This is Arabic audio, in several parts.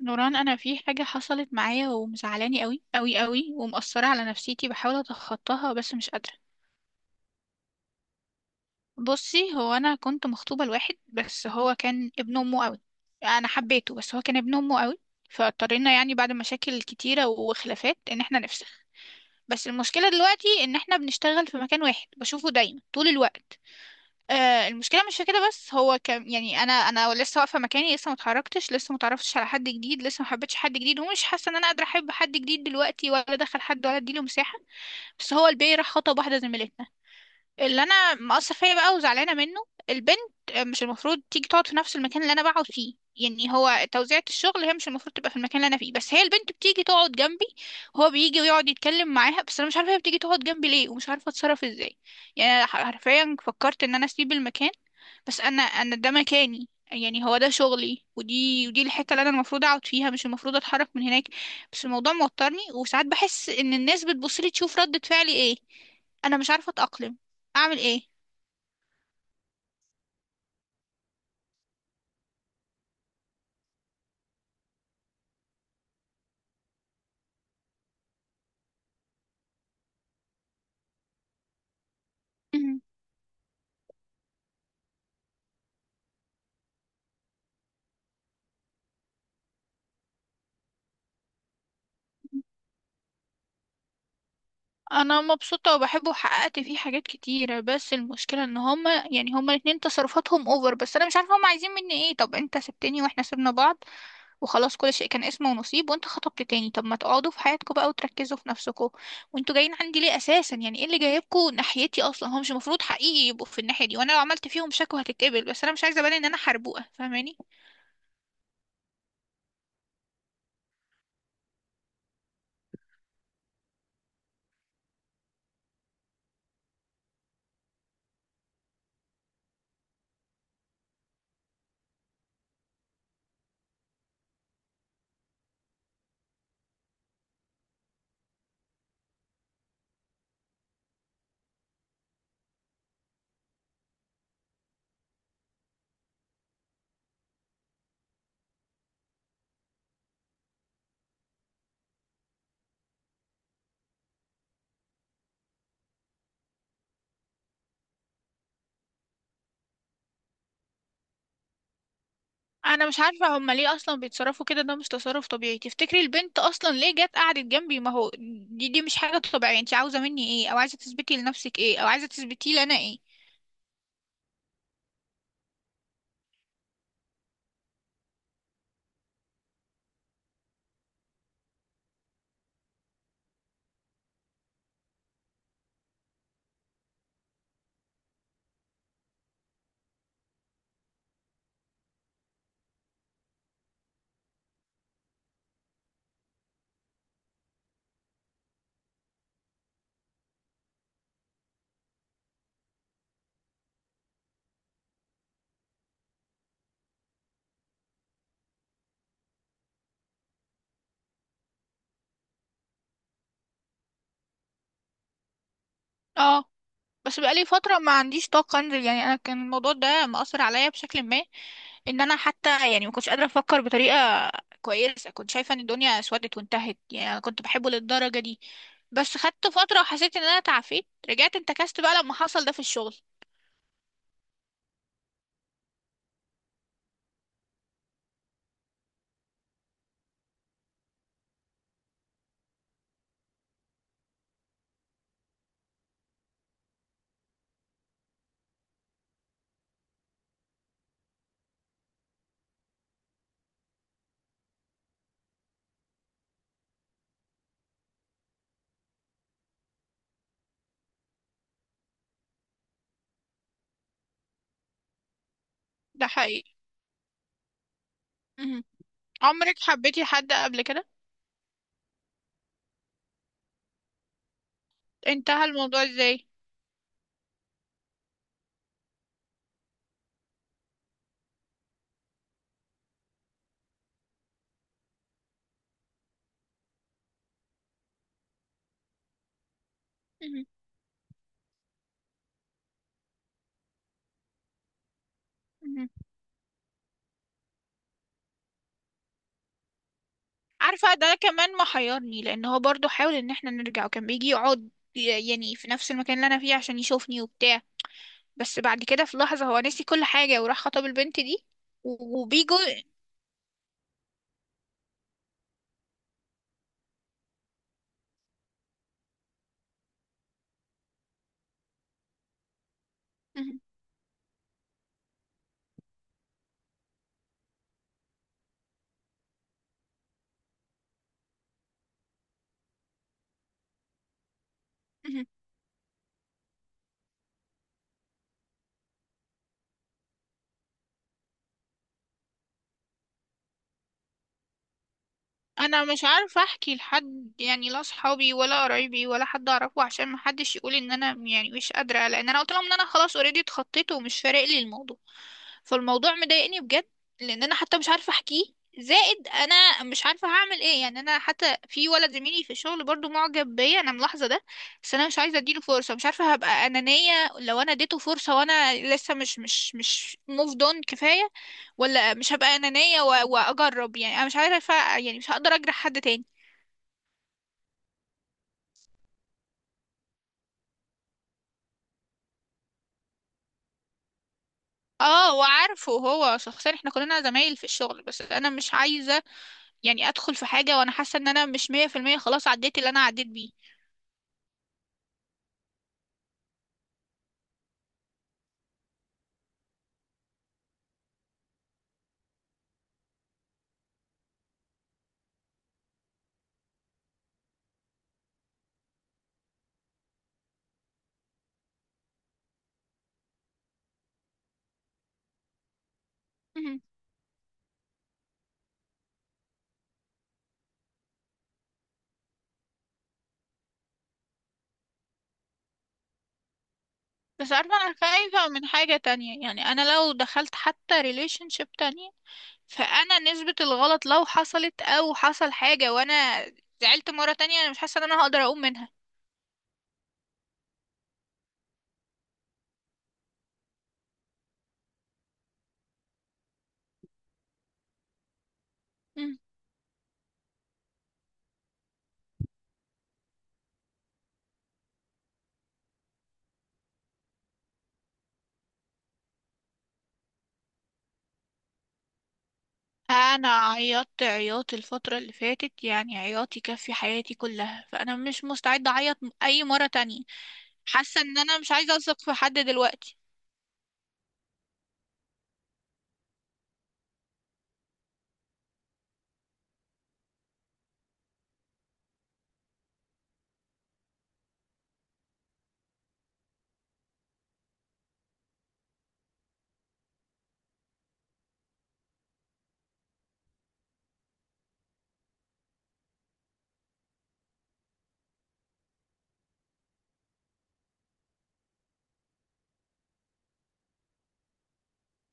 نوران، انا في حاجه حصلت معايا ومزعلاني قوي قوي قوي ومأثره على نفسيتي. بحاول اتخطاها بس مش قادره. بصي، هو انا كنت مخطوبه لواحد بس هو كان ابن امه قوي. انا حبيته بس هو كان ابن امه قوي. فاضطرينا بعد مشاكل كتيره وخلافات ان احنا نفسخ. بس المشكله دلوقتي ان احنا بنشتغل في مكان واحد، بشوفه دايما طول الوقت. آه، المشكله مش في كده. بس هو كان انا لسه واقفه مكاني، لسه ما اتحركتش، لسه ما اتعرفتش على حد جديد، لسه ما حبيتش حد جديد، ومش حاسه ان انا قادره احب حد جديد دلوقتي، ولا ادخل حد، ولا اديله مساحه. بس هو البي راح خطب واحده زميلتنا، اللي انا مقصر فيا بقى وزعلانه منه. البنت مش المفروض تيجي تقعد في نفس المكان اللي انا بقعد فيه. يعني هو توزيعة الشغل هي مش المفروض تبقى في المكان اللي انا فيه، بس هي البنت بتيجي تقعد جنبي، وهو بيجي ويقعد يتكلم معاها. بس انا مش عارفه هي بتيجي تقعد جنبي ليه، ومش عارفه اتصرف ازاي. يعني أنا حرفيا فكرت ان انا اسيب المكان. بس انا ده مكاني، يعني هو ده شغلي ودي الحته اللي انا المفروض اقعد فيها، مش المفروض اتحرك من هناك. بس الموضوع موترني، وساعات بحس ان الناس بتبصلي تشوف ردة فعلي ايه. انا مش عارفه اتاقلم، اعمل ايه. مهم. انا مبسوطه وبحبه وحققت فيه حاجات كتيره. بس المشكله ان هما، يعني هما الاتنين، تصرفاتهم اوفر. بس انا مش عارفه هما عايزين مني ايه. طب انت سبتني، واحنا سيبنا بعض وخلاص، كل شيء كان اسمه ونصيب، وانت خطبت تاني. طب ما تقعدوا في حياتكم بقى وتركزوا في نفسكم. وانتوا جايين عندي ليه اساسا؟ يعني ايه اللي جايبكم ناحيتي اصلا؟ هو مش المفروض حقيقي يبقوا في الناحيه دي. وانا لو عملت فيهم شكوى هتتقبل، بس انا مش عايزه ابان ان انا حربوقه، فاهماني. انا مش عارفه هما ليه اصلا بيتصرفوا كده. ده مش تصرف طبيعي. تفتكري البنت اصلا ليه جت قعدت جنبي؟ ما هو دي مش حاجه طبيعيه. انت عاوزه مني ايه؟ او عايزه تثبتي لنفسك ايه؟ او عايزه تثبتي لي انا ايه؟ اه، بس بقالي فتره ما عنديش طاقه انزل. يعني انا كان الموضوع ده مأثر عليا بشكل ما ان انا حتى ما كنتش قادره افكر بطريقه كويسه. كنت شايفه ان الدنيا اسودت وانتهت. يعني انا كنت بحبه للدرجه دي. بس خدت فتره وحسيت ان انا تعافيت، رجعت انتكست بقى لما حصل ده في الشغل. ده حقيقي. عمرك حبيتي حد قبل كده؟ انتهى الموضوع ازاي؟ مهم. مهم. عارفة، ده كمان محيرني، لان هو برضو حاول ان احنا نرجع وكان بيجي يقعد يعني في نفس المكان اللي انا فيه عشان يشوفني وبتاع. بس بعد كده في لحظة هو نسي كل حاجة وراح خطب البنت دي. وبيجوا. مهم. مهم. انا مش عارفه احكي لحد، يعني لا صحابي ولا قرايبي ولا حد اعرفه، عشان ما حدش يقول ان انا يعني مش قادره، لان انا قلت لهم ان انا خلاص اوريدي اتخطيت ومش فارق لي الموضوع. فالموضوع مضايقني بجد، لان انا حتى مش عارفه احكيه. زائد انا مش عارفه هعمل ايه. يعني انا حتى في ولد زميلي في الشغل برضو معجب بيا، انا ملاحظه ده. بس انا مش عايزه اديله فرصه. مش عارفه هبقى انانيه لو انا اديته فرصه وانا لسه مش موف دون كفايه، ولا مش هبقى أنانية وأجرب. يعني أنا مش عارفة، يعني مش هقدر أجرح حد تاني. اه، وعارفه هو شخصيا، احنا كلنا زمايل في الشغل. بس انا مش عايزة ادخل في حاجة وانا حاسة ان انا مش مية في المية خلاص عديت اللي انا عديت بيه. مهم. بس عارفة، انا خايفة من حاجة تانية. يعني انا لو دخلت حتى ريليشن شيب تانية، فانا نسبة الغلط لو حصلت، او حصل حاجة وانا زعلت مرة تانية، انا مش حاسة ان انا هقدر اقوم منها. انا عيطت عياط الفترة اللي فاتت، يعني عياط يكفي حياتي كلها. فانا مش مستعدة اعيط اي مرة تانية. حاسة ان انا مش عايزة اثق في حد دلوقتي.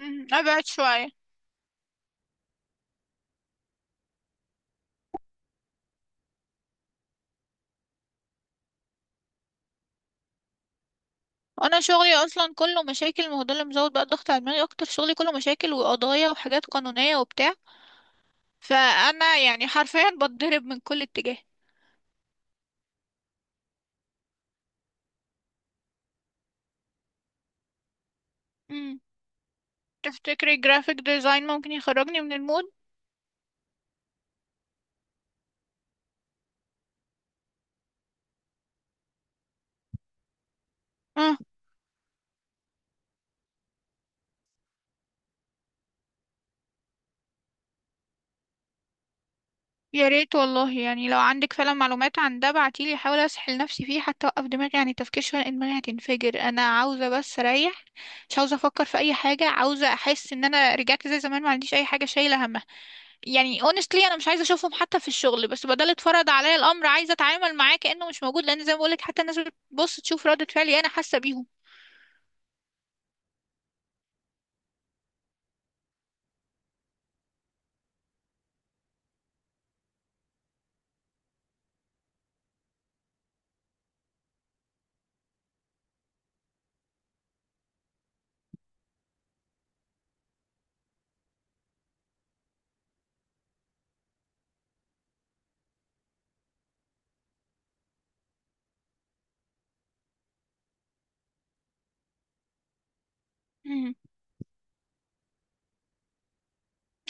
مم، ابعد شوية. وانا شغلي اصلا كله مشاكل، ما هو ده اللي مزود بقى الضغط على دماغي اكتر. شغلي كله مشاكل وقضايا وحاجات قانونية وبتاع. فانا يعني حرفيا بتضرب من كل اتجاه. مم، تفتكري جرافيك ديزاين ممكن يخرجني من المود؟ يا ريت والله. يعني لو عندك فعلا معلومات عن ده بعتيلي، احاول اسحل نفسي فيه حتى اوقف دماغي عن التفكير شويه، لان دماغي هتنفجر. انا عاوزه بس اريح، مش عاوزه افكر في اي حاجه. عاوزه احس ان انا رجعت زي زمان، ما عنديش اي حاجه شايله همها. يعني honestly انا مش عايزه اشوفهم حتى في الشغل. بس بدل اتفرض عليا الامر، عايزه اتعامل معاه كانه مش موجود، لان زي ما بقولك حتى الناس بتبص تشوف ردة فعلي، انا حاسه بيهم.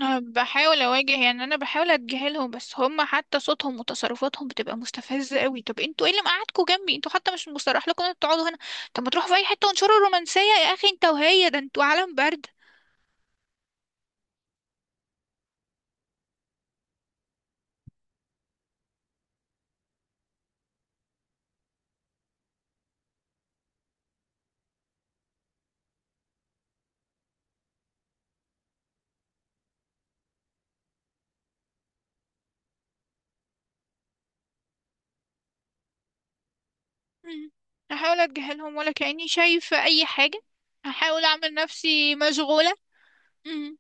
أه، بحاول اواجه. يعني انا بحاول اتجاهلهم بس هم حتى صوتهم وتصرفاتهم بتبقى مستفزه قوي. طب انتوا ايه اللي مقعدكوا جنبي؟ انتوا حتى مش مصرح لكم ان انتوا تقعدوا هنا. طب ما تروحوا في اي حته وانشروا الرومانسيه يا اخي انت وهي. ده انتوا عالم برد. مم. هحاول اتجاهلهم ولا كاني شايفه اي حاجه. هحاول اعمل نفسي مشغوله. مم.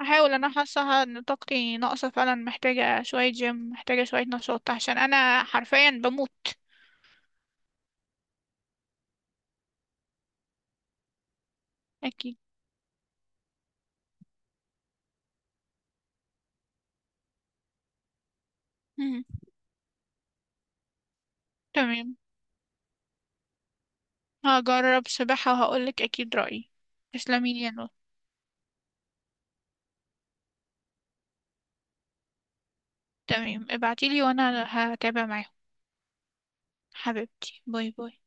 هحاول. انا حاسه ان طاقتي ناقصه فعلا، محتاجه شويه جيم، محتاجه شويه نشاط، عشان انا حرفيا بموت. اكيد. مم. تمام. هجرب سباحة وهقولك أكيد رأيي. تسلمي لي يا نور. تمام، ابعتيلي وأنا هتابع معاهم. حبيبتي، باي باي.